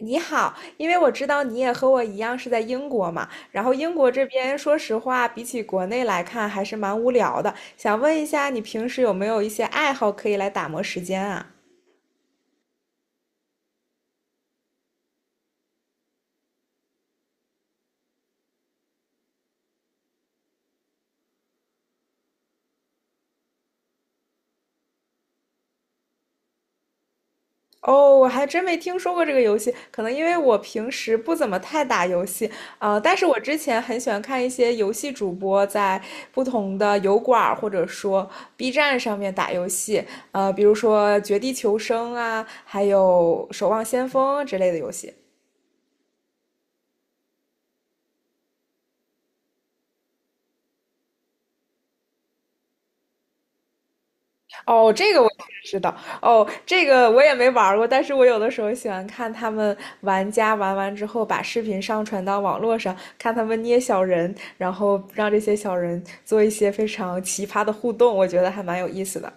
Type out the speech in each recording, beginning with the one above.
你好，因为我知道你也和我一样是在英国嘛，然后英国这边说实话，比起国内来看还是蛮无聊的，想问一下你平时有没有一些爱好可以来打磨时间啊？哦，我还真没听说过这个游戏，可能因为我平时不怎么太打游戏。但是我之前很喜欢看一些游戏主播在不同的油管儿或者说 B 站上面打游戏，比如说《绝地求生》啊，还有《守望先锋》之类的游戏。哦，这个我也知道。哦，这个我也没玩儿过，但是我有的时候喜欢看他们玩家玩完之后，把视频上传到网络上，看他们捏小人，然后让这些小人做一些非常奇葩的互动，我觉得还蛮有意思的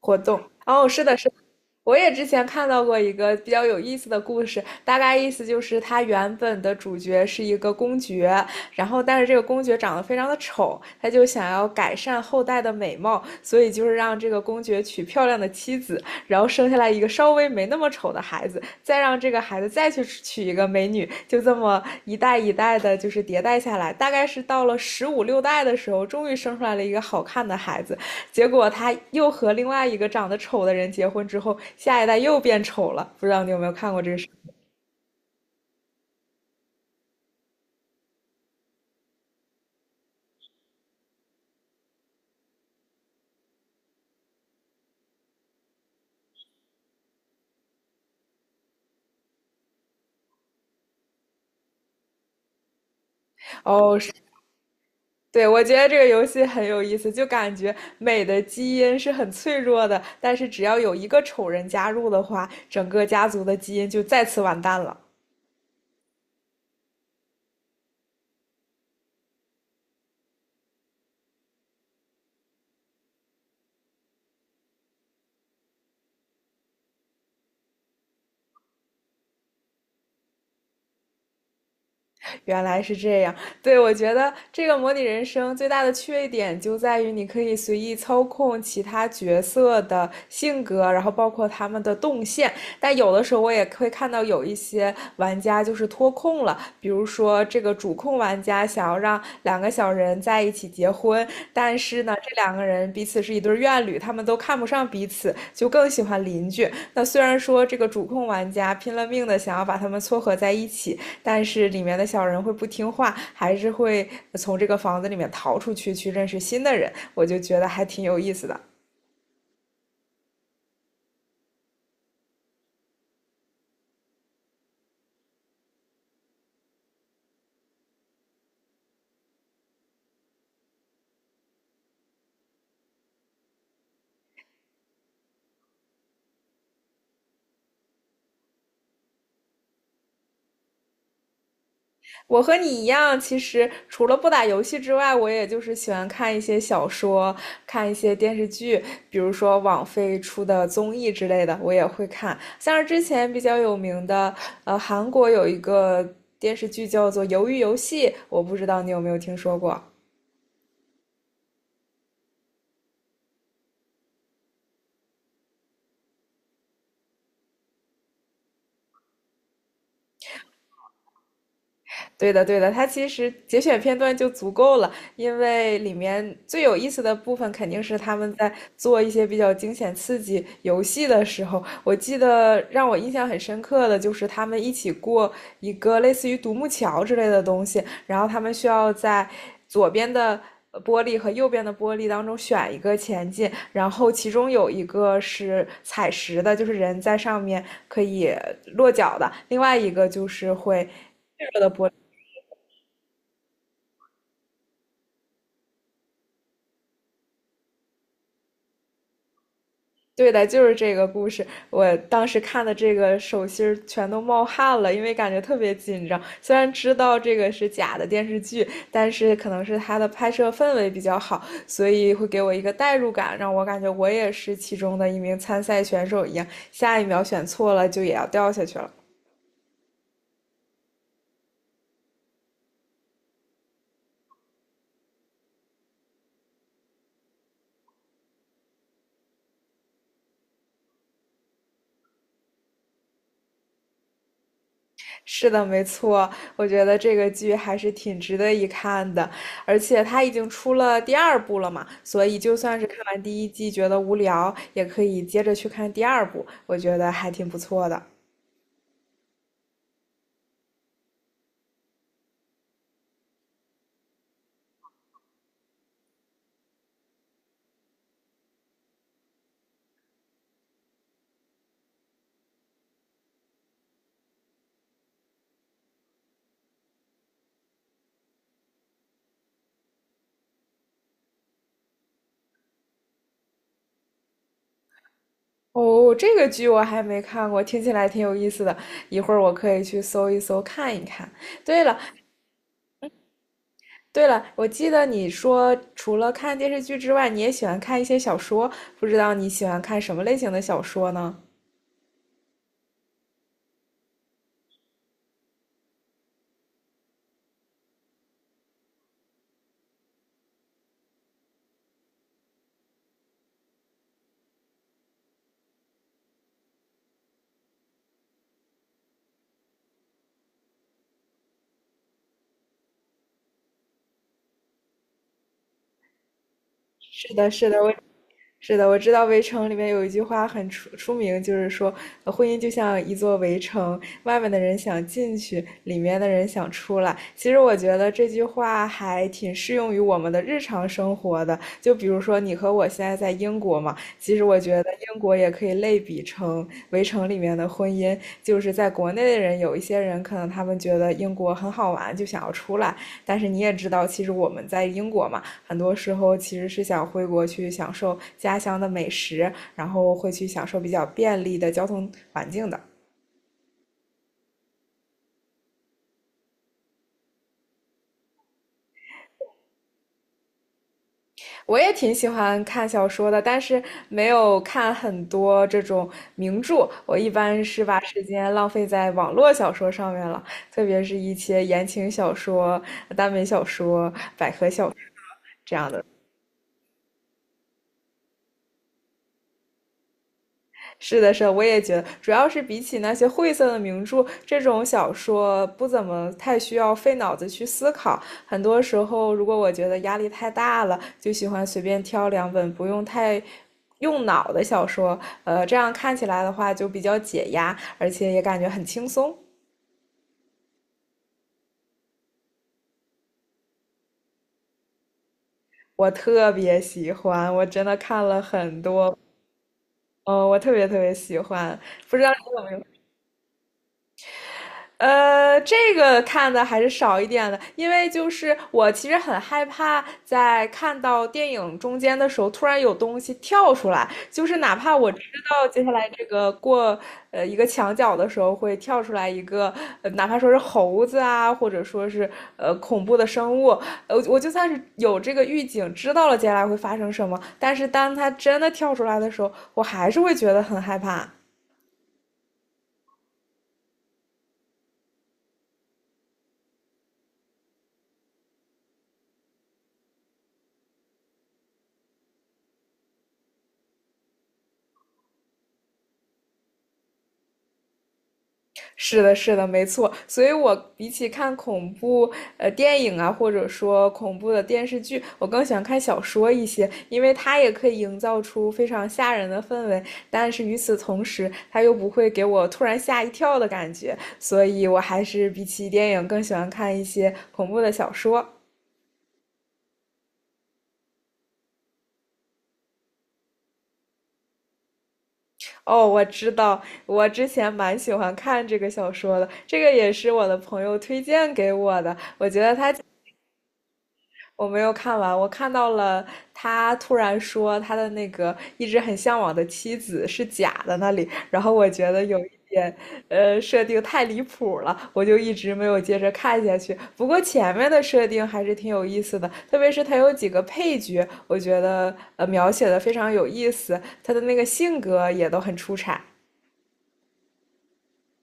活动。哦，是的，是的。我也之前看到过一个比较有意思的故事，大概意思就是他原本的主角是一个公爵，然后但是这个公爵长得非常的丑，他就想要改善后代的美貌，所以就是让这个公爵娶漂亮的妻子，然后生下来一个稍微没那么丑的孩子，再让这个孩子再去娶一个美女，就这么一代一代的，就是迭代下来，大概是到了十五六代的时候，终于生出来了一个好看的孩子，结果他又和另外一个长得丑的人结婚之后，下一代又变丑了。不知道你有没有看过这个哦，是。对，我觉得这个游戏很有意思，就感觉美的基因是很脆弱的，但是只要有一个丑人加入的话，整个家族的基因就再次完蛋了。原来是这样。对，我觉得这个模拟人生最大的缺点就在于你可以随意操控其他角色的性格，然后包括他们的动线。但有的时候我也会看到有一些玩家就是脱控了，比如说这个主控玩家想要让两个小人在一起结婚，但是呢，这两个人彼此是一对怨侣，他们都看不上彼此，就更喜欢邻居。那虽然说这个主控玩家拼了命的想要把他们撮合在一起，但是里面的小人会不听话，还是会从这个房子里面逃出去，去认识新的人。我就觉得还挺有意思的。我和你一样，其实除了不打游戏之外，我也就是喜欢看一些小说，看一些电视剧，比如说网飞出的综艺之类的，我也会看。像是之前比较有名的，韩国有一个电视剧叫做《鱿鱼游戏》，我不知道你有没有听说过。对的，对的，它其实节选片段就足够了，因为里面最有意思的部分肯定是他们在做一些比较惊险刺激游戏的时候。我记得让我印象很深刻的就是他们一起过一个类似于独木桥之类的东西，然后他们需要在左边的玻璃和右边的玻璃当中选一个前进，然后其中有一个是踩实的，就是人在上面可以落脚的，另外一个就是会。对的，就是这个故事。我当时看的这个手心儿全都冒汗了，因为感觉特别紧张。虽然知道这个是假的电视剧，但是可能是它的拍摄氛围比较好，所以会给我一个代入感，让我感觉我也是其中的一名参赛选手一样。下一秒选错了，就也要掉下去了。是的，没错，我觉得这个剧还是挺值得一看的，而且它已经出了第二部了嘛，所以就算是看完第一季觉得无聊，也可以接着去看第二部，我觉得还挺不错的。哦，这个剧我还没看过，听起来挺有意思的，一会儿我可以去搜一搜看一看。对了，对了，我记得你说除了看电视剧之外，你也喜欢看一些小说，不知道你喜欢看什么类型的小说呢？是的，是的，我。是的，我知道《围城》里面有一句话很出名，就是说，婚姻就像一座围城，外面的人想进去，里面的人想出来。其实我觉得这句话还挺适用于我们的日常生活的。就比如说，你和我现在在英国嘛，其实我觉得英国也可以类比成《围城》里面的婚姻，就是在国内的人，有一些人可能他们觉得英国很好玩，就想要出来，但是你也知道，其实我们在英国嘛，很多时候其实是想回国去享受家乡的美食，然后会去享受比较便利的交通环境的。我也挺喜欢看小说的，但是没有看很多这种名著。我一般是把时间浪费在网络小说上面了，特别是一些言情小说、耽美小说这样的。是的，是的，我也觉得，主要是比起那些晦涩的名著，这种小说不怎么太需要费脑子去思考。很多时候，如果我觉得压力太大了，就喜欢随便挑两本不用太用脑的小说，这样看起来的话就比较解压，而且也感觉很轻松。我特别喜欢，我真的看了很多，嗯、我特别特别喜欢。不知道。这个看的还是少一点的，因为就是我其实很害怕在看到电影中间的时候，突然有东西跳出来，就是哪怕我知道接下来这个过一个墙角的时候会跳出来一个，哪怕说是猴子啊，或者说是恐怖的生物，我就算是有这个预警，知道了接下来会发生什么，但是当它真的跳出来的时候，我还是会觉得很害怕。是的，是的，没错。所以我比起看恐怖电影啊，或者说恐怖的电视剧，我更喜欢看小说一些，因为它也可以营造出非常吓人的氛围，但是与此同时，它又不会给我突然吓一跳的感觉。所以我还是比起电影更喜欢看一些恐怖的小说。哦，我知道，我之前蛮喜欢看这个小说的，这个也是我的朋友推荐给我的，我觉得它。我没有看完，我看到了他突然说他的那个一直很向往的妻子是假的那里，然后我觉得有一点，设定太离谱了，我就一直没有接着看下去。不过前面的设定还是挺有意思的，特别是他有几个配角，我觉得描写的非常有意思，他的那个性格也都很出彩。